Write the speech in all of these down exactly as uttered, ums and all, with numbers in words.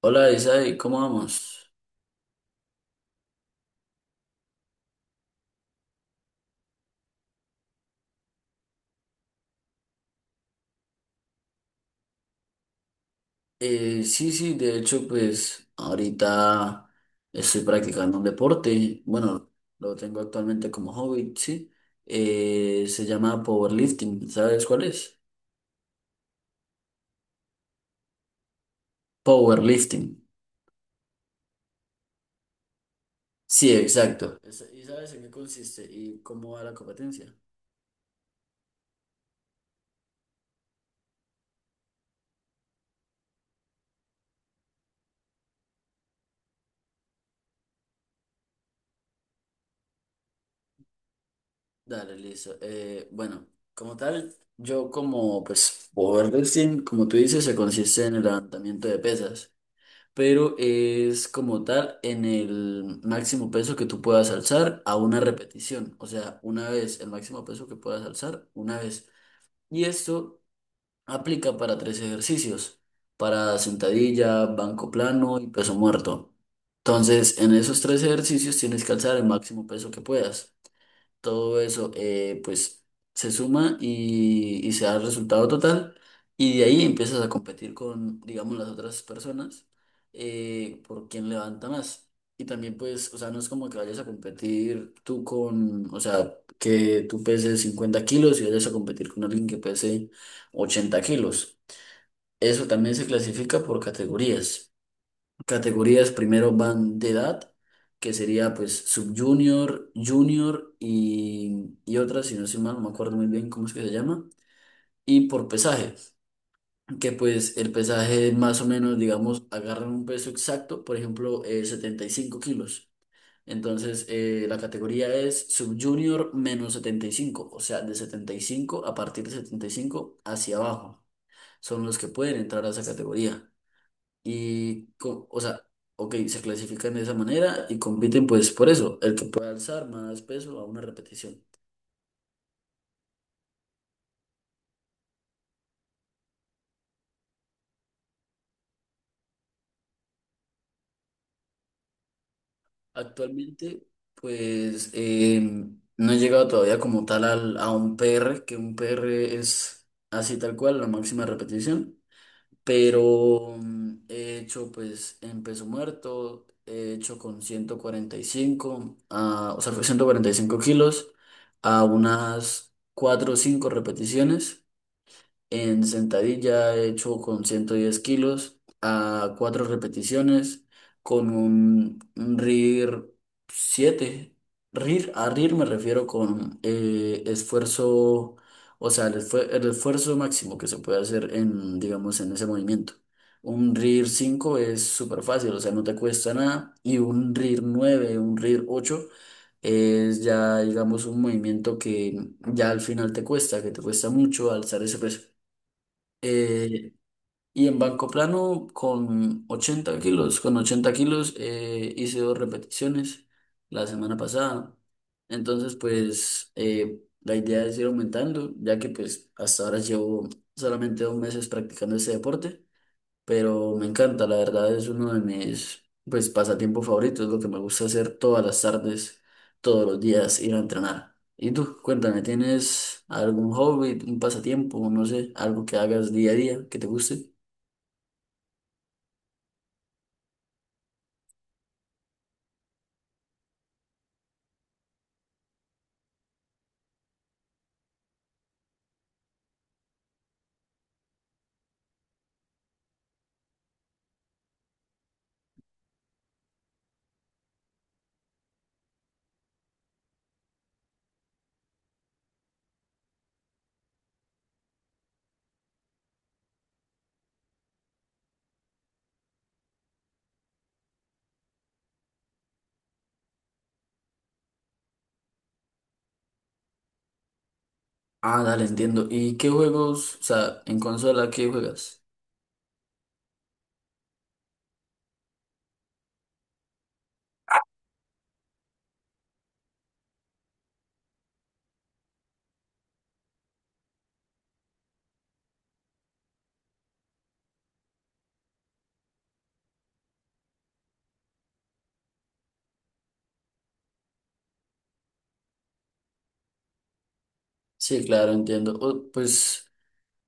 Hola Isai, ¿cómo vamos? Eh, sí, sí, de hecho, pues ahorita estoy practicando un deporte, bueno, lo tengo actualmente como hobby, sí. Eh, se llama powerlifting, ¿sabes cuál es? Powerlifting, sí, exacto. Es- ¿Y sabes en qué consiste y cómo va la competencia? Dale, listo. Eh, bueno, como tal, yo como, pues, powerlifting, como tú dices, se consiste en el levantamiento de pesas, pero es como tal en el máximo peso que tú puedas alzar a una repetición, o sea, una vez, el máximo peso que puedas alzar una vez. Y esto aplica para tres ejercicios, para sentadilla, banco plano y peso muerto. Entonces, en esos tres ejercicios tienes que alzar el máximo peso que puedas. Todo eso, eh, pues se suma y, y se da el resultado total. Y de ahí empiezas a competir con, digamos, las otras personas, eh, por quién levanta más. Y también, pues, o sea, no es como que vayas a competir tú con, o sea, que tú peses cincuenta kilos y vayas a competir con alguien que pese ochenta kilos. Eso también se clasifica por categorías. Categorías primero van de edad, que sería pues sub-junior, junior y, y otra, si no estoy mal, no me acuerdo muy bien cómo es que se llama, y por pesaje, que pues el pesaje más o menos, digamos, agarran un peso exacto, por ejemplo, eh, setenta y cinco kilos. Entonces, eh, la categoría es subjunior menos setenta y cinco, o sea, de setenta y cinco, a partir de setenta y cinco hacia abajo, son los que pueden entrar a esa categoría. Y, co- o sea, ok, se clasifican de esa manera y compiten pues por eso, el que pueda alzar más peso a una repetición. Actualmente, pues eh, no he llegado todavía como tal al- a un P R, que un P R es así tal cual, la máxima repetición, pero mm, he hecho pues en peso muerto, he hecho con ciento cuarenta y cinco, ah, o sea, con ciento cuarenta y cinco kilos a unas cuatro o cinco repeticiones. En sentadilla he hecho con ciento diez kilos a cuatro repeticiones con un, un R I R siete. R I R, a R I R me refiero con eh, esfuerzo, o sea, el, esfue- el esfuerzo máximo que se puede hacer en, digamos, en ese movimiento. Un R I R cinco es súper fácil, o sea, no te cuesta nada. Y un R I R nueve, un R I R ocho es ya, digamos, un movimiento que ya al final te cuesta, que te cuesta mucho alzar ese peso. Eh, y en banco plano con ochenta kilos, con ochenta kilos, eh, hice dos repeticiones la semana pasada. Entonces, pues eh, la idea es ir aumentando, ya que pues hasta ahora llevo solamente dos meses practicando ese deporte, pero me encanta, la verdad es uno de mis pues pasatiempos favoritos, lo que me gusta hacer todas las tardes, todos los días, ir a entrenar. Y tú, cuéntame, ¿tienes algún hobby, un pasatiempo, no sé, algo que hagas día a día que te guste? Ah, dale, entiendo. ¿Y qué juegos, o sea, en consola, qué juegas? Sí, claro, entiendo. Oh, pues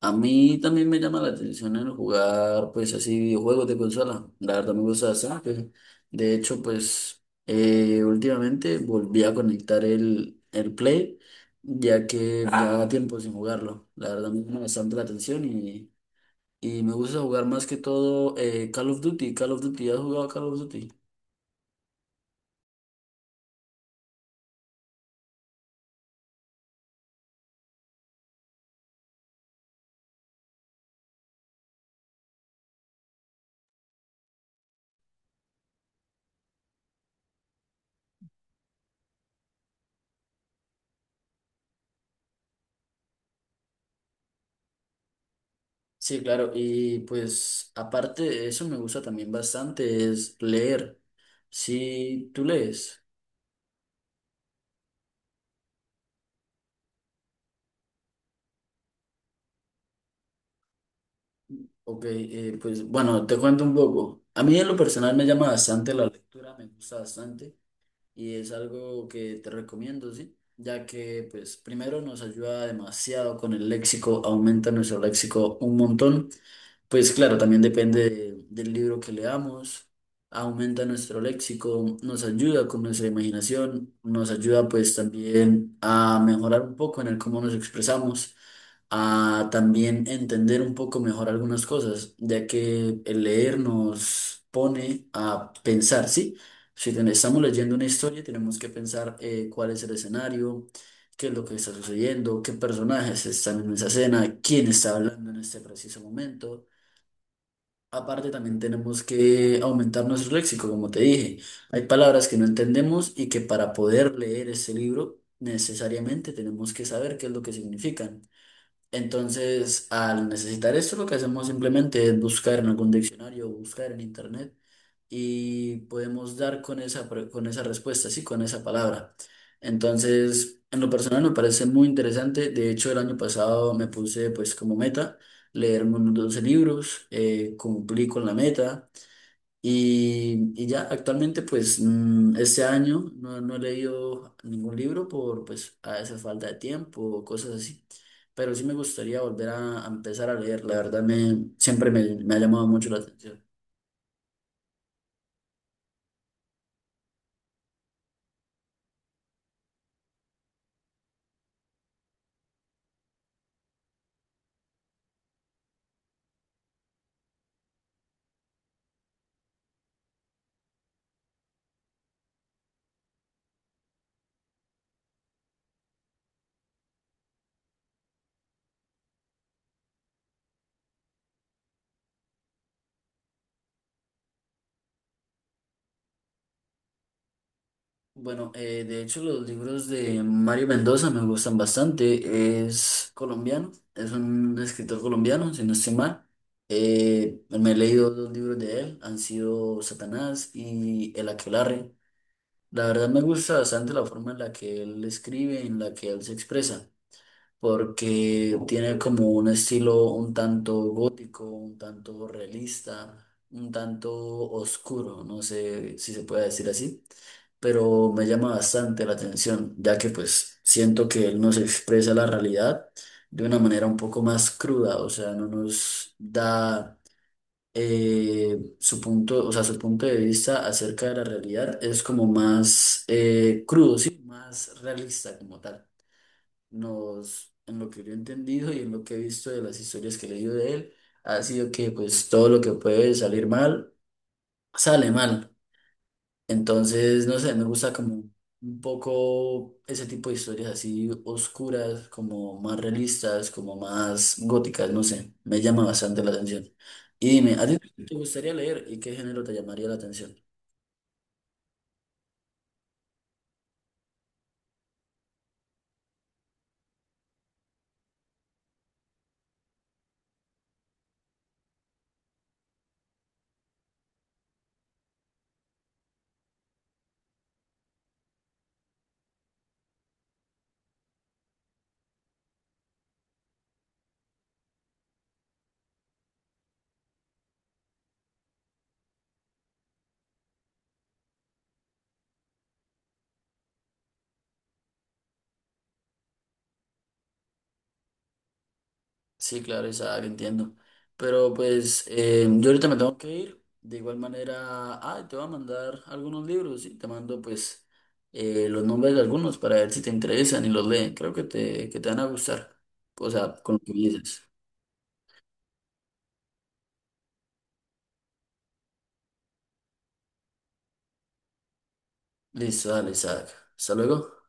a mí también me llama la atención el jugar, pues, así videojuegos de consola. La verdad me gusta bastante. De hecho, pues, eh, últimamente volví a conectar el, el Play, ya que ya, ah, tiempo sin jugarlo. La verdad me llama bastante la atención y y me gusta jugar más que todo, eh, Call of Duty. Call of Duty, ¿has jugado Call of Duty? Sí, claro. Y pues, aparte de eso, me gusta también bastante es leer. ¿Si tú lees? Ok, eh, pues bueno, te cuento un poco. A mí en lo personal me llama bastante la lectura, me gusta bastante y es algo que te recomiendo, ¿sí? Ya que, pues, primero nos ayuda demasiado con el léxico, aumenta nuestro léxico un montón. Pues claro, también depende de- del libro que leamos, aumenta nuestro léxico, nos ayuda con nuestra imaginación, nos ayuda pues también a mejorar un poco en el cómo nos expresamos, a también entender un poco mejor algunas cosas, ya que el leer nos pone a pensar, ¿sí? Si ten- Estamos leyendo una historia, tenemos que pensar, eh, cuál es el escenario, qué es lo que está sucediendo, qué personajes están en esa escena, quién está hablando en este preciso momento. Aparte, también tenemos que aumentar nuestro léxico, como te dije. Hay palabras que no entendemos y que para poder leer este libro necesariamente tenemos que saber qué es lo que significan. Entonces, al necesitar esto, lo que hacemos simplemente es buscar en algún diccionario o buscar en internet y podemos dar con esa, pre- con esa respuesta, sí, con esa palabra. Entonces, en lo personal me parece muy interesante. De hecho, el año pasado me puse pues como meta leerme unos doce libros, eh, cumplí con la meta. Y, y ya actualmente, pues mm, este año no, no he leído ningún libro por pues a esa falta de tiempo o cosas así, pero sí me gustaría volver a, a empezar a leer, la verdad me, siempre me, me ha llamado mucho la atención. Bueno, eh, de hecho los libros de Mario Mendoza me gustan bastante, es colombiano, es un escritor colombiano, si no estoy mal. Eh, me he leído dos libros de él, han sido Satanás y El Aquelarre. La verdad me gusta bastante la forma en la que él escribe, en la que él se expresa, porque tiene como un estilo un tanto gótico, un tanto realista, un tanto oscuro, no sé si se puede decir así, pero me llama bastante la atención, ya que pues siento que él nos expresa la realidad de una manera un poco más cruda, o sea, no nos da, eh, su punto, o sea, su punto de vista acerca de la realidad es como más, eh, crudo, sí, más realista como tal. Nos, en lo que yo he entendido y en lo que he visto de las historias que he leído de él, ha sido que pues todo lo que puede salir mal, sale mal. Entonces, no sé, me gusta como un poco ese tipo de historias así oscuras, como más realistas, como más góticas, no sé, me llama bastante la atención. Y dime, ¿a ti, sí, te gustaría leer y qué género te llamaría la atención? Sí, claro, esa entiendo. Pero pues eh, yo ahorita me tengo que ir. De igual manera, ah, te voy a mandar algunos libros y te mando pues eh, los nombres de algunos para ver si te interesan y los leen. Creo que te, que te van a gustar. O sea, con lo que me dices. Listo, dale, Isaac. Hasta luego.